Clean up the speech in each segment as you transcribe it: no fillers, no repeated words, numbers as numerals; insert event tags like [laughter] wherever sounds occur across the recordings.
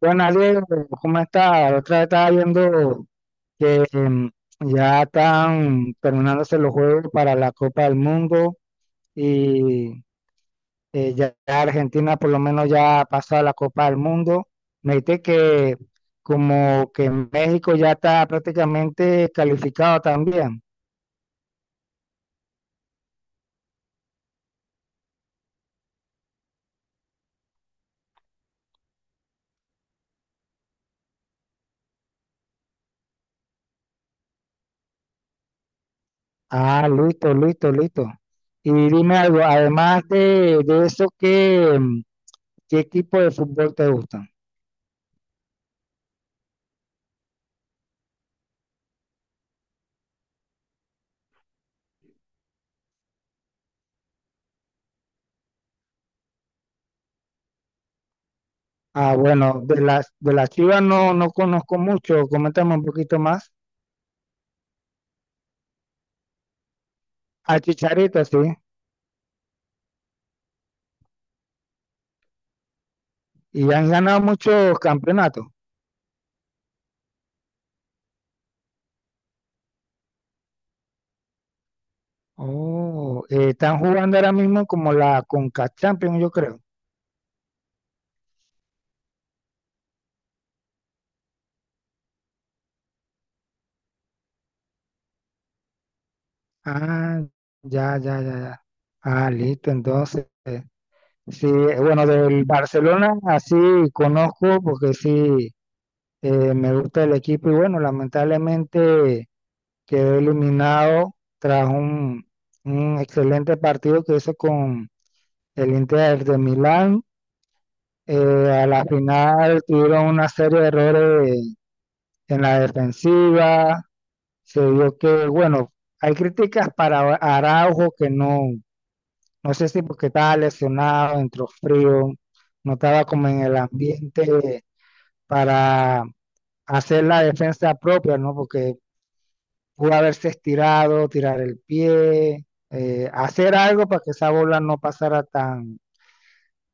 Bueno, Diego, ¿cómo está? La otra vez estaba viendo que ya están terminándose los juegos para la Copa del Mundo y ya Argentina por lo menos ya pasó a la Copa del Mundo. Me dijiste que como que México ya está prácticamente calificado también. Ah, listo, listo, listo. Y dime algo, además de eso, ¿qué, qué equipo de fútbol te gusta? Ah, bueno, de las Chivas no, no conozco mucho, coméntame un poquito más. A Chicharito, sí. Y han ganado muchos campeonatos. Oh, están jugando ahora mismo como la Conca Champions, yo creo. Ah, ya, ya, ya, ya. Ah, listo, entonces. Sí, bueno, del Barcelona así conozco porque sí, me gusta el equipo y bueno, lamentablemente quedó eliminado tras un excelente partido que hizo con el Inter de Milán. Eh, a la final tuvieron una serie de errores en la defensiva. Se vio que, bueno, hay críticas para Araujo que no, no sé si porque estaba lesionado, entró frío, no estaba como en el ambiente para hacer la defensa propia, ¿no? Porque pudo haberse estirado, tirar el pie, hacer algo para que esa bola no pasara tan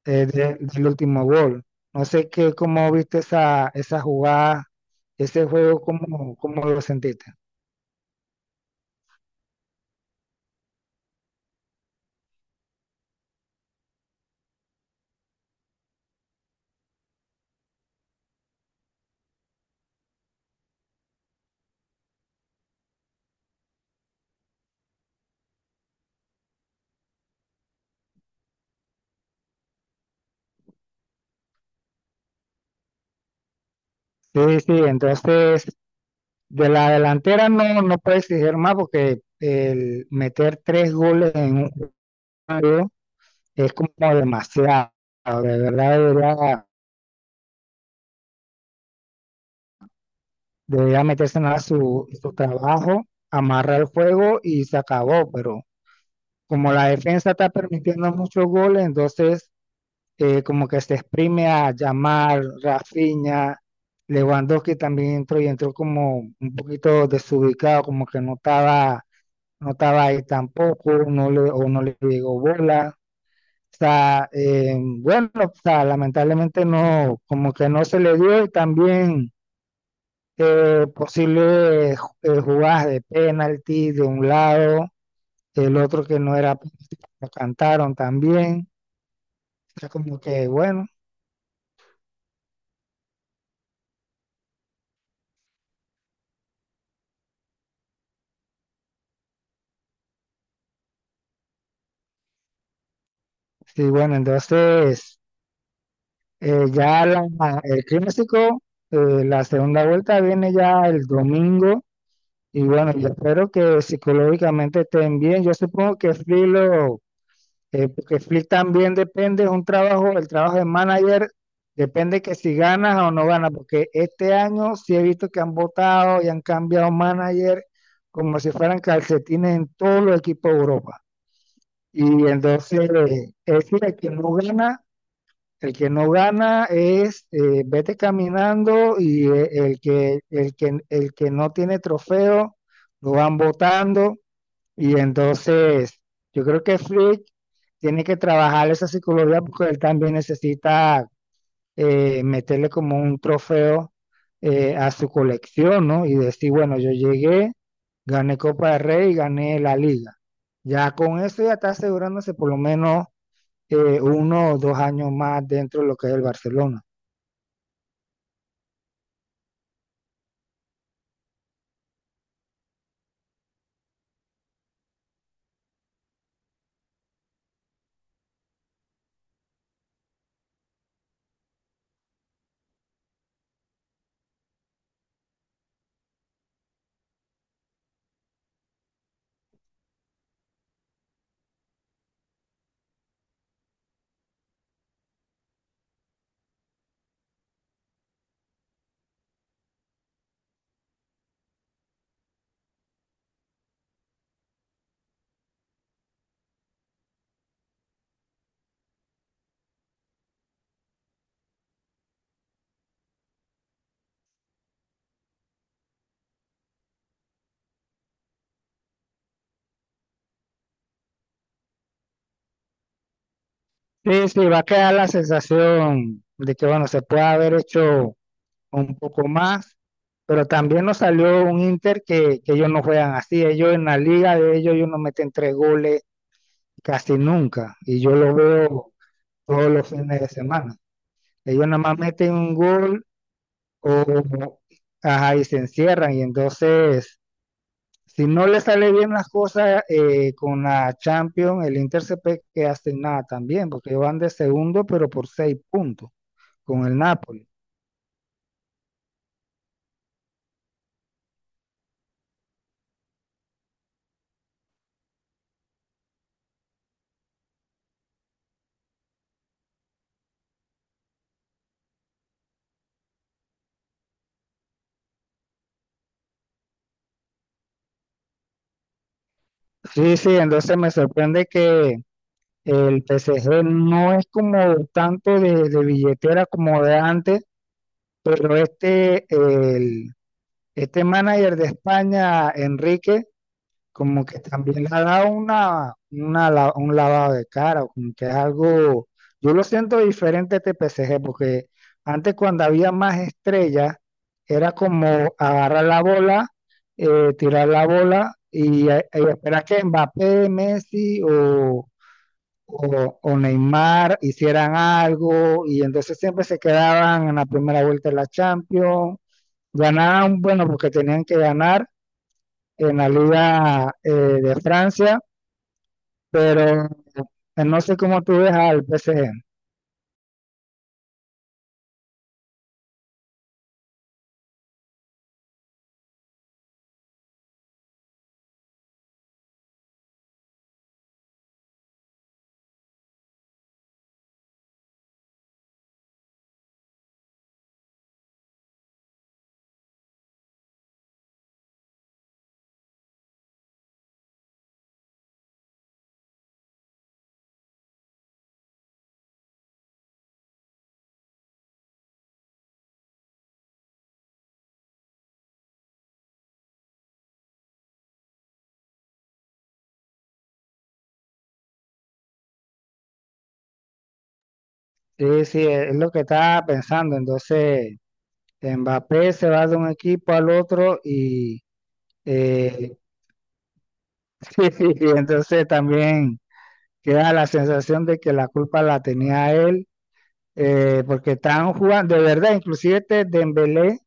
del último gol. No sé qué, cómo viste esa jugada, ese juego, cómo, cómo lo sentiste. Sí, sí, entonces de la delantera no, no puede exigir más porque el meter tres goles en un juego es como demasiado. De verdad debería, debería meterse en su trabajo, amarrar el juego y se acabó, pero como la defensa está permitiendo muchos goles, entonces como que se exprime a llamar Rafinha, Lewandowski también entró y entró como un poquito desubicado, como que no estaba, no estaba ahí tampoco, no le, o no le llegó bola. O sea, bueno, o sea, lamentablemente no, como que no se le dio y también posibles jugadas de penalti de un lado, el otro que no era, penalti, lo cantaron también. Sea, como que bueno, sí, bueno, entonces el clásico, la segunda vuelta viene ya el domingo y bueno, yo espero que psicológicamente estén bien. Yo supongo que porque Flick también depende, es un trabajo, el trabajo de manager depende que si ganas o no ganas, porque este año sí he visto que han votado y han cambiado manager como si fueran calcetines en todos los equipos de Europa. Y entonces es el que no gana, el que no gana es vete caminando y el que no tiene trofeo lo van votando. Y entonces yo creo que Flick tiene que trabajar esa psicología porque él también necesita meterle como un trofeo a su colección, ¿no? Y decir, bueno, yo llegué, gané Copa del Rey y gané la liga. Ya con eso ya está asegurándose por lo menos uno o dos años más dentro de lo que es el Barcelona. Sí, sí, va a quedar la sensación de que, bueno, se puede haber hecho un poco más, pero también nos salió un Inter que ellos no juegan así. Ellos en la liga de ellos, ellos no meten tres goles casi nunca. Y yo lo veo todos los fines de semana. Ellos nada más meten un gol o, ajá, y se encierran. Y entonces, si no le sale bien las cosas con la Champions, el Inter se pe- que hace nada también, porque ellos van de segundo, pero por seis puntos con el Napoli. Sí, sí, entonces me sorprende que el PSG no es como tanto de billetera como de antes, pero este manager de España, Enrique, como que también le ha dado un lavado de cara, o como que es algo, yo lo siento diferente a TPCG, porque antes cuando había más estrellas, era como agarrar la bola, tirar la bola y esperar que Mbappé, Messi o Neymar hicieran algo, y entonces siempre se quedaban en la primera vuelta de la Champions, ganaban, bueno, porque tenían que ganar en la Liga de Francia pero no sé cómo tú ves al PSG. Sí, sí, es lo que estaba pensando. Entonces, Mbappé se va de un equipo al otro y eh, [laughs] sí, entonces también queda la sensación de que la culpa la tenía él, porque están jugando, de verdad, inclusive este Dembélé,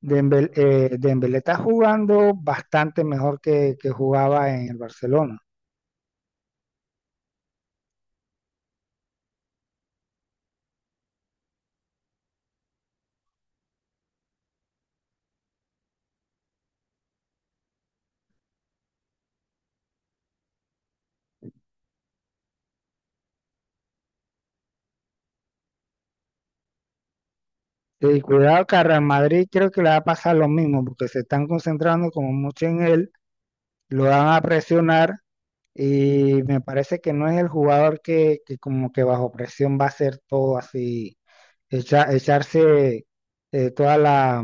Dembélé, eh, Dembélé está jugando bastante mejor que jugaba en el Barcelona. Y cuidado que a Real Madrid creo que le va a pasar lo mismo, porque se están concentrando como mucho en él, lo van a presionar y me parece que no es el jugador que como que bajo presión va a hacer todo así, echarse eh, toda la,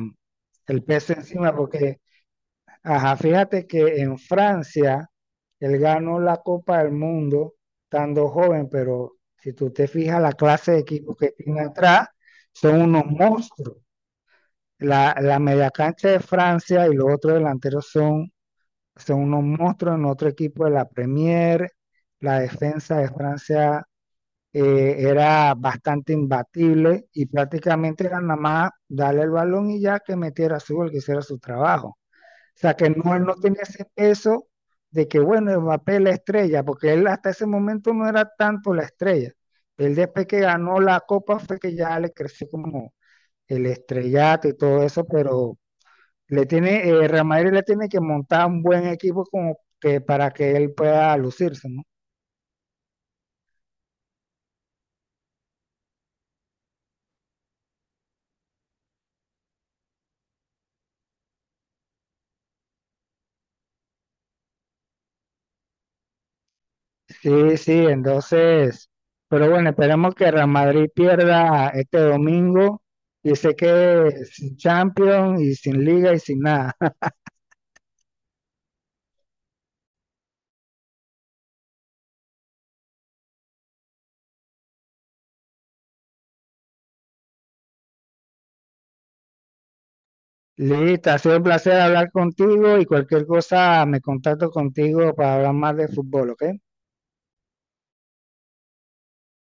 el peso encima, porque, ajá, fíjate que en Francia él ganó la Copa del Mundo estando joven, pero si tú te fijas la clase de equipos que tiene atrás, son unos monstruos. La media cancha de Francia y los otros delanteros son, son unos monstruos en otro equipo de la Premier. La defensa de Francia era bastante imbatible y prácticamente era nada más darle el balón y ya que metiera su gol, que hiciera su trabajo. O sea que no, él no tenía ese peso de que, bueno, Mbappé es la estrella, porque él hasta ese momento no era tanto la estrella. Él después que ganó la copa fue que ya le creció como el estrellato y todo eso, pero le tiene, Real Madrid le tiene que montar un buen equipo como que para que él pueda lucirse, ¿no? Sí, sí, entonces, pero bueno, esperemos que Real Madrid pierda este domingo y se quede sin Champions y sin Liga y sin nada. [laughs] Listo, ha sido un placer hablar contigo y cualquier cosa me contacto contigo para hablar más de fútbol, ¿ok?